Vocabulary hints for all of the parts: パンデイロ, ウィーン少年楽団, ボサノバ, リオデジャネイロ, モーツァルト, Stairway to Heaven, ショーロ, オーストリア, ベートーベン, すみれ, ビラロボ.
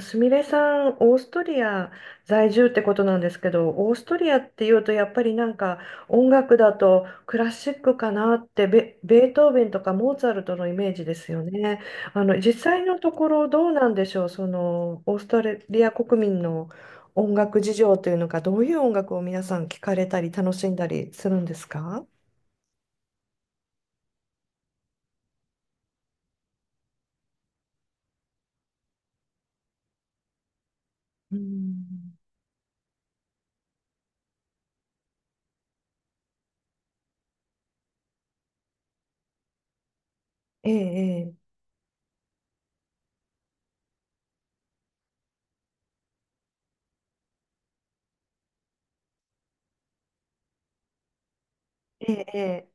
すみれさん、オーストリア在住ってことなんですけど、オーストリアっていうと、やっぱりなんか音楽だとクラシックかなって、ベートーベンとかモーツァルトのイメージですよね。実際のところどうなんでしょう、その、オーストリア国民の音楽事情というのか、どういう音楽を皆さん聞かれたり楽しんだりするんですか？うん。ええ、ええ、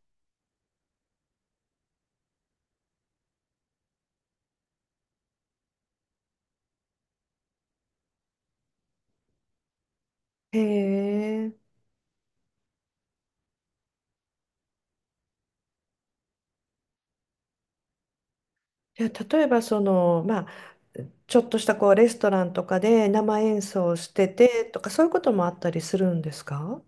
ええ、ええ。じゃあ、例えば、その、まあ、ちょっとしたこうレストランとかで生演奏しててとかそういうこともあったりするんですか？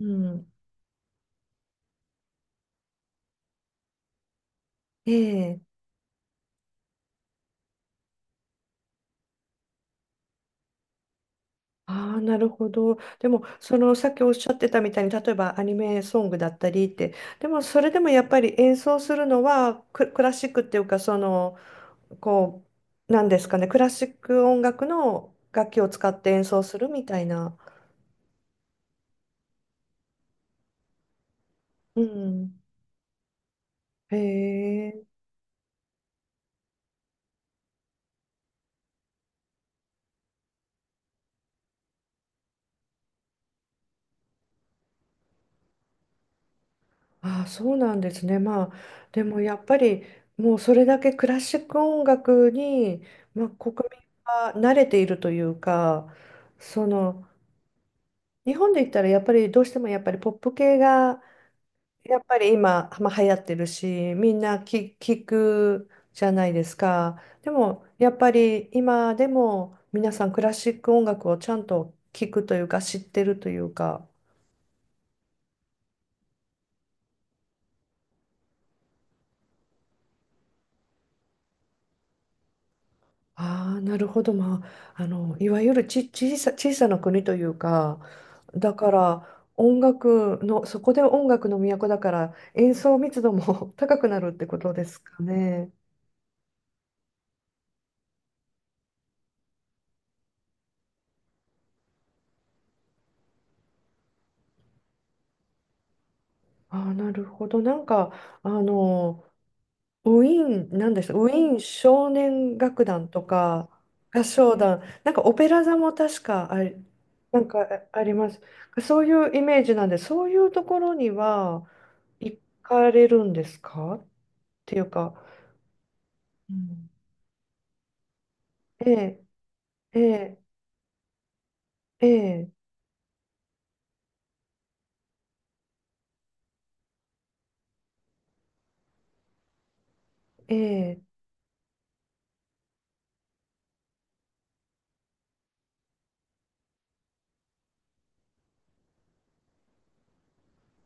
うん。ええ。ああ、なるほど。でも、そのさっきおっしゃってたみたいに、例えばアニメソングだったりって、でもそれでもやっぱり演奏するのはクラシックっていうか、その、こう、なんですかね、クラシック音楽の楽器を使って演奏するみたいな。うん。へえ。ああ、そうなんですね。まあ、でもやっぱりもうそれだけクラシック音楽に、まあ、国民は慣れているというか、その日本で言ったらやっぱりどうしてもやっぱりポップ系がやっぱり今、まあ、流行ってるし、みんな聞くじゃないですか。でもやっぱり今でも皆さんクラシック音楽をちゃんと聞くというか知ってるというか。ああ、なるほど。まあ、いわゆるち、小さ、小さな国というか、だから音楽の、そこで音楽の都だから演奏密度も 高くなるってことですかね。ああ、なるほど。なんか、あの、ウィーン、なんでしたウィーン少年楽団とか、合唱団、なんかオペラ座も確かあり、なんかああります。そういうイメージなんで、そういうところには行かれるんですか？ていうか、うん、ええ、ええ、ええ、ええ、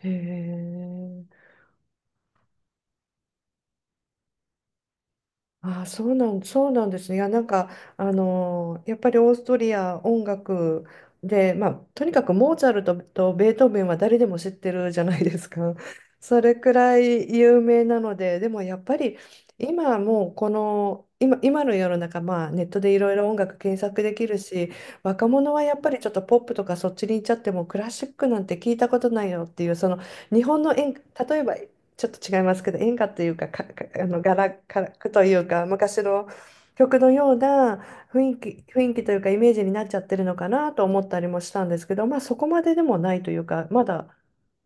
へえ、ああ、そうなんですね。いや、なんか、やっぱりオーストリア音楽で、まあ、とにかくモーツァルトとベートーベンは誰でも知ってるじゃないですか。それくらい有名なので、でもやっぱり今もうこの、今、今の世の中、まあ、ネットでいろいろ音楽検索できるし、若者はやっぱりちょっとポップとかそっちに行っちゃってもクラシックなんて聞いたことないよっていう、その日本の例えばちょっと違いますけど、演歌というか、ガラクというか、昔の曲のような雰囲気、雰囲気というか、イメージになっちゃってるのかなと思ったりもしたんですけど、まあ、そこまででもないというか、まだ、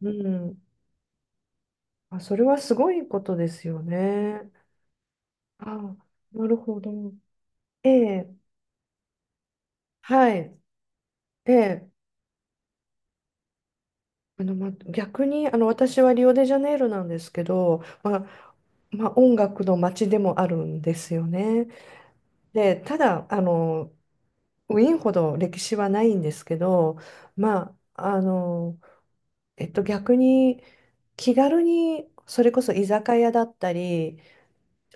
うん、あ、それはすごいことですよね。あ、なるほど。ええ、はい。ええ、ま、逆に、私はリオデジャネイロなんですけど、まあ、まあ、音楽の街でもあるんですよね。で、ただ、ウィーンほど歴史はないんですけど、まあ、逆に気軽にそれこそ居酒屋だったり、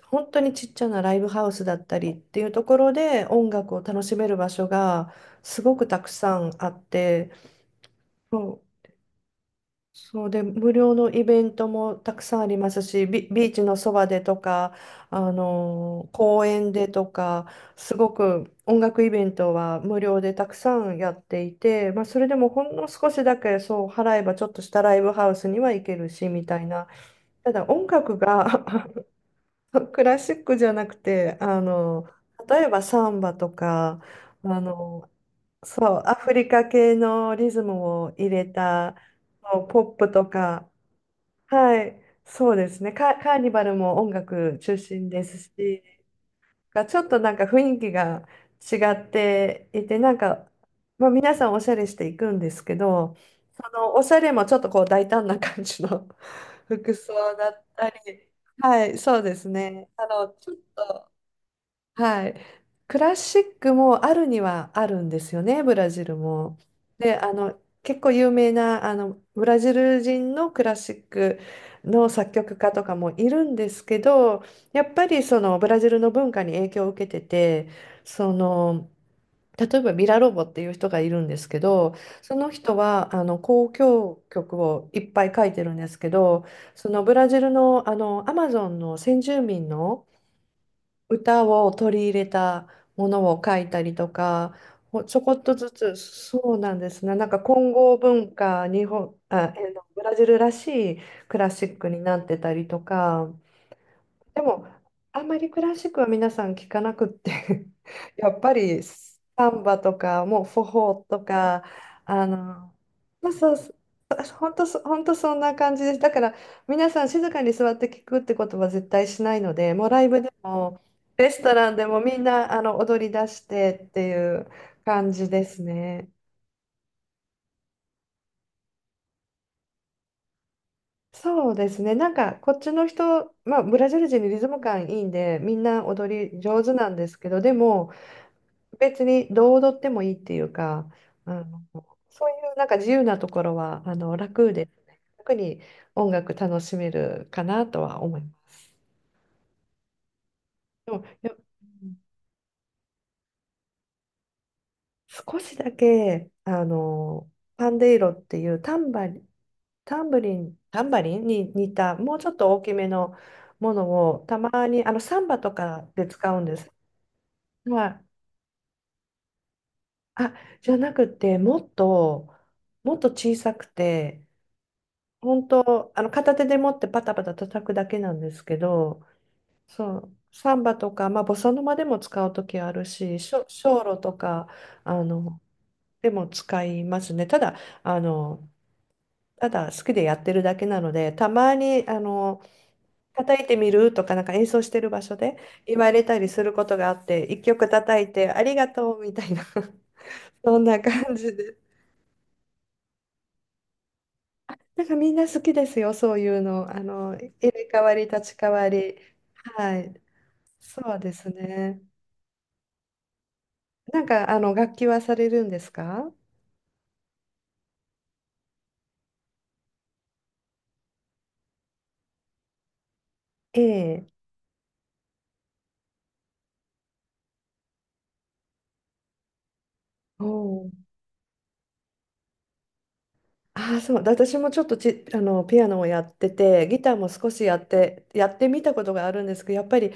本当にちっちゃなライブハウスだったりっていうところで音楽を楽しめる場所がすごくたくさんあって、もそうで、無料のイベントもたくさんありますし、ビーチのそばでとか、公園でとか、すごく音楽イベントは無料でたくさんやっていて、まあ、それでもほんの少しだけそう払えばちょっとしたライブハウスには行けるしみたいな。ただ音楽が クラシックじゃなくて、例えばサンバとか、あのそう、アフリカ系のリズムを入れた、ポップとか。はい、そうですね。カーニバルも音楽中心ですし、がちょっとなんか雰囲気が違っていて、なんか、まあ、皆さんおしゃれしていくんですけど、そのおしゃれもちょっとこう大胆な感じの 服装だったり、はい、そうですね。ちょっとはい。クラシックもあるにはあるんですよね、ブラジルも。で、結構有名な、ブラジル人のクラシックの作曲家とかもいるんですけど、やっぱりそのブラジルの文化に影響を受けてて、その、例えばビラロボっていう人がいるんですけど、その人は交響曲をいっぱい書いてるんですけど、そのブラジルの、アマゾンの先住民の歌を取り入れたものを書いたりとか、ちょこっとずつ、そうなんですね。なんか混合文化、日本、あ、のブラジルらしいクラシックになってたりとか、でも、あんまりクラシックは皆さん聞かなくって やっぱりサンバとか、もうフォホとか、あの、まあ、そう、そう本当そんな感じです。だから、皆さん静かに座って聞くってことは絶対しないので、もうライブでも、レストランでもみんな踊り出してっていう感じですね。そうですね。なんかこっちの人、まあ、ブラジル人にリズム感いいんでみんな踊り上手なんですけどでも別にどう踊ってもいいっていうか、あの、そういうなんか自由なところは、楽で、楽に音楽楽しめるかなとは思います。でも、うん、少しだけ、パンデイロっていうタンバリン、タンブリン、タンバリンに似た、もうちょっと大きめのものを、たまに、サンバとかで使うんです。はい。あ、じゃなくて、もっと、もっと小さくて、本当、片手で持ってパタパタ叩くだけなんですけど、そう、サンバとか、まあ、ボサノバでも使う時あるし、ショーロとか、あの、でも使いますね。ただ、あの、ただ好きでやってるだけなので、たまに、叩いてみるとか、なんか演奏してる場所で言われたりすることがあって、一曲叩いて、ありがとうみたいな、そんな感じです。なんかみんな好きですよ、そういうの。入れ替わり、立ち替わり。はい。そうですね。なんか、楽器はされるんですか？ええ。おー、ああ、そう。私もちょっとピアノをやってて、ギターも少しやって、やってみたことがあるんですけど、やっぱり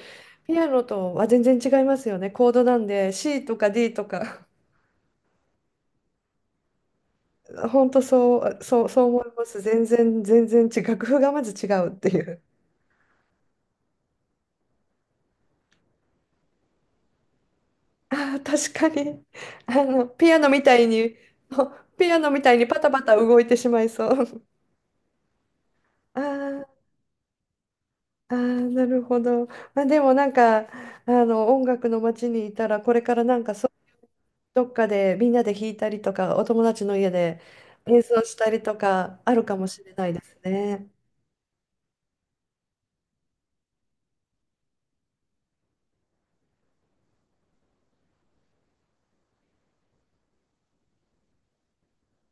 ピアノとは全然違いますよね。コードなんで C とか D とか。本当そう、そう、そう思います。全然、全然違う。楽譜がまず違うっていう。あー確かに。ピアノみたいに、ほピアノみたいにパタパタ動いてしまいそう。あーあー、なるほど。まあ、でもなんか、音楽の街にいたら、これからなんかそうどっかでみんなで弾いたりとか、お友達の家で演奏したりとかあるかもしれないですね。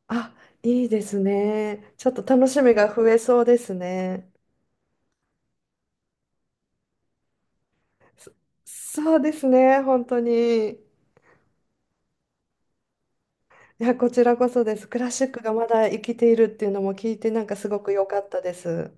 あ、いいですね。ちょっと楽しみが増えそうですね。そそうですね、本当に。いや、こちらこそです。クラシックがまだ生きているっていうのも聞いて、なんかすごく良かったです。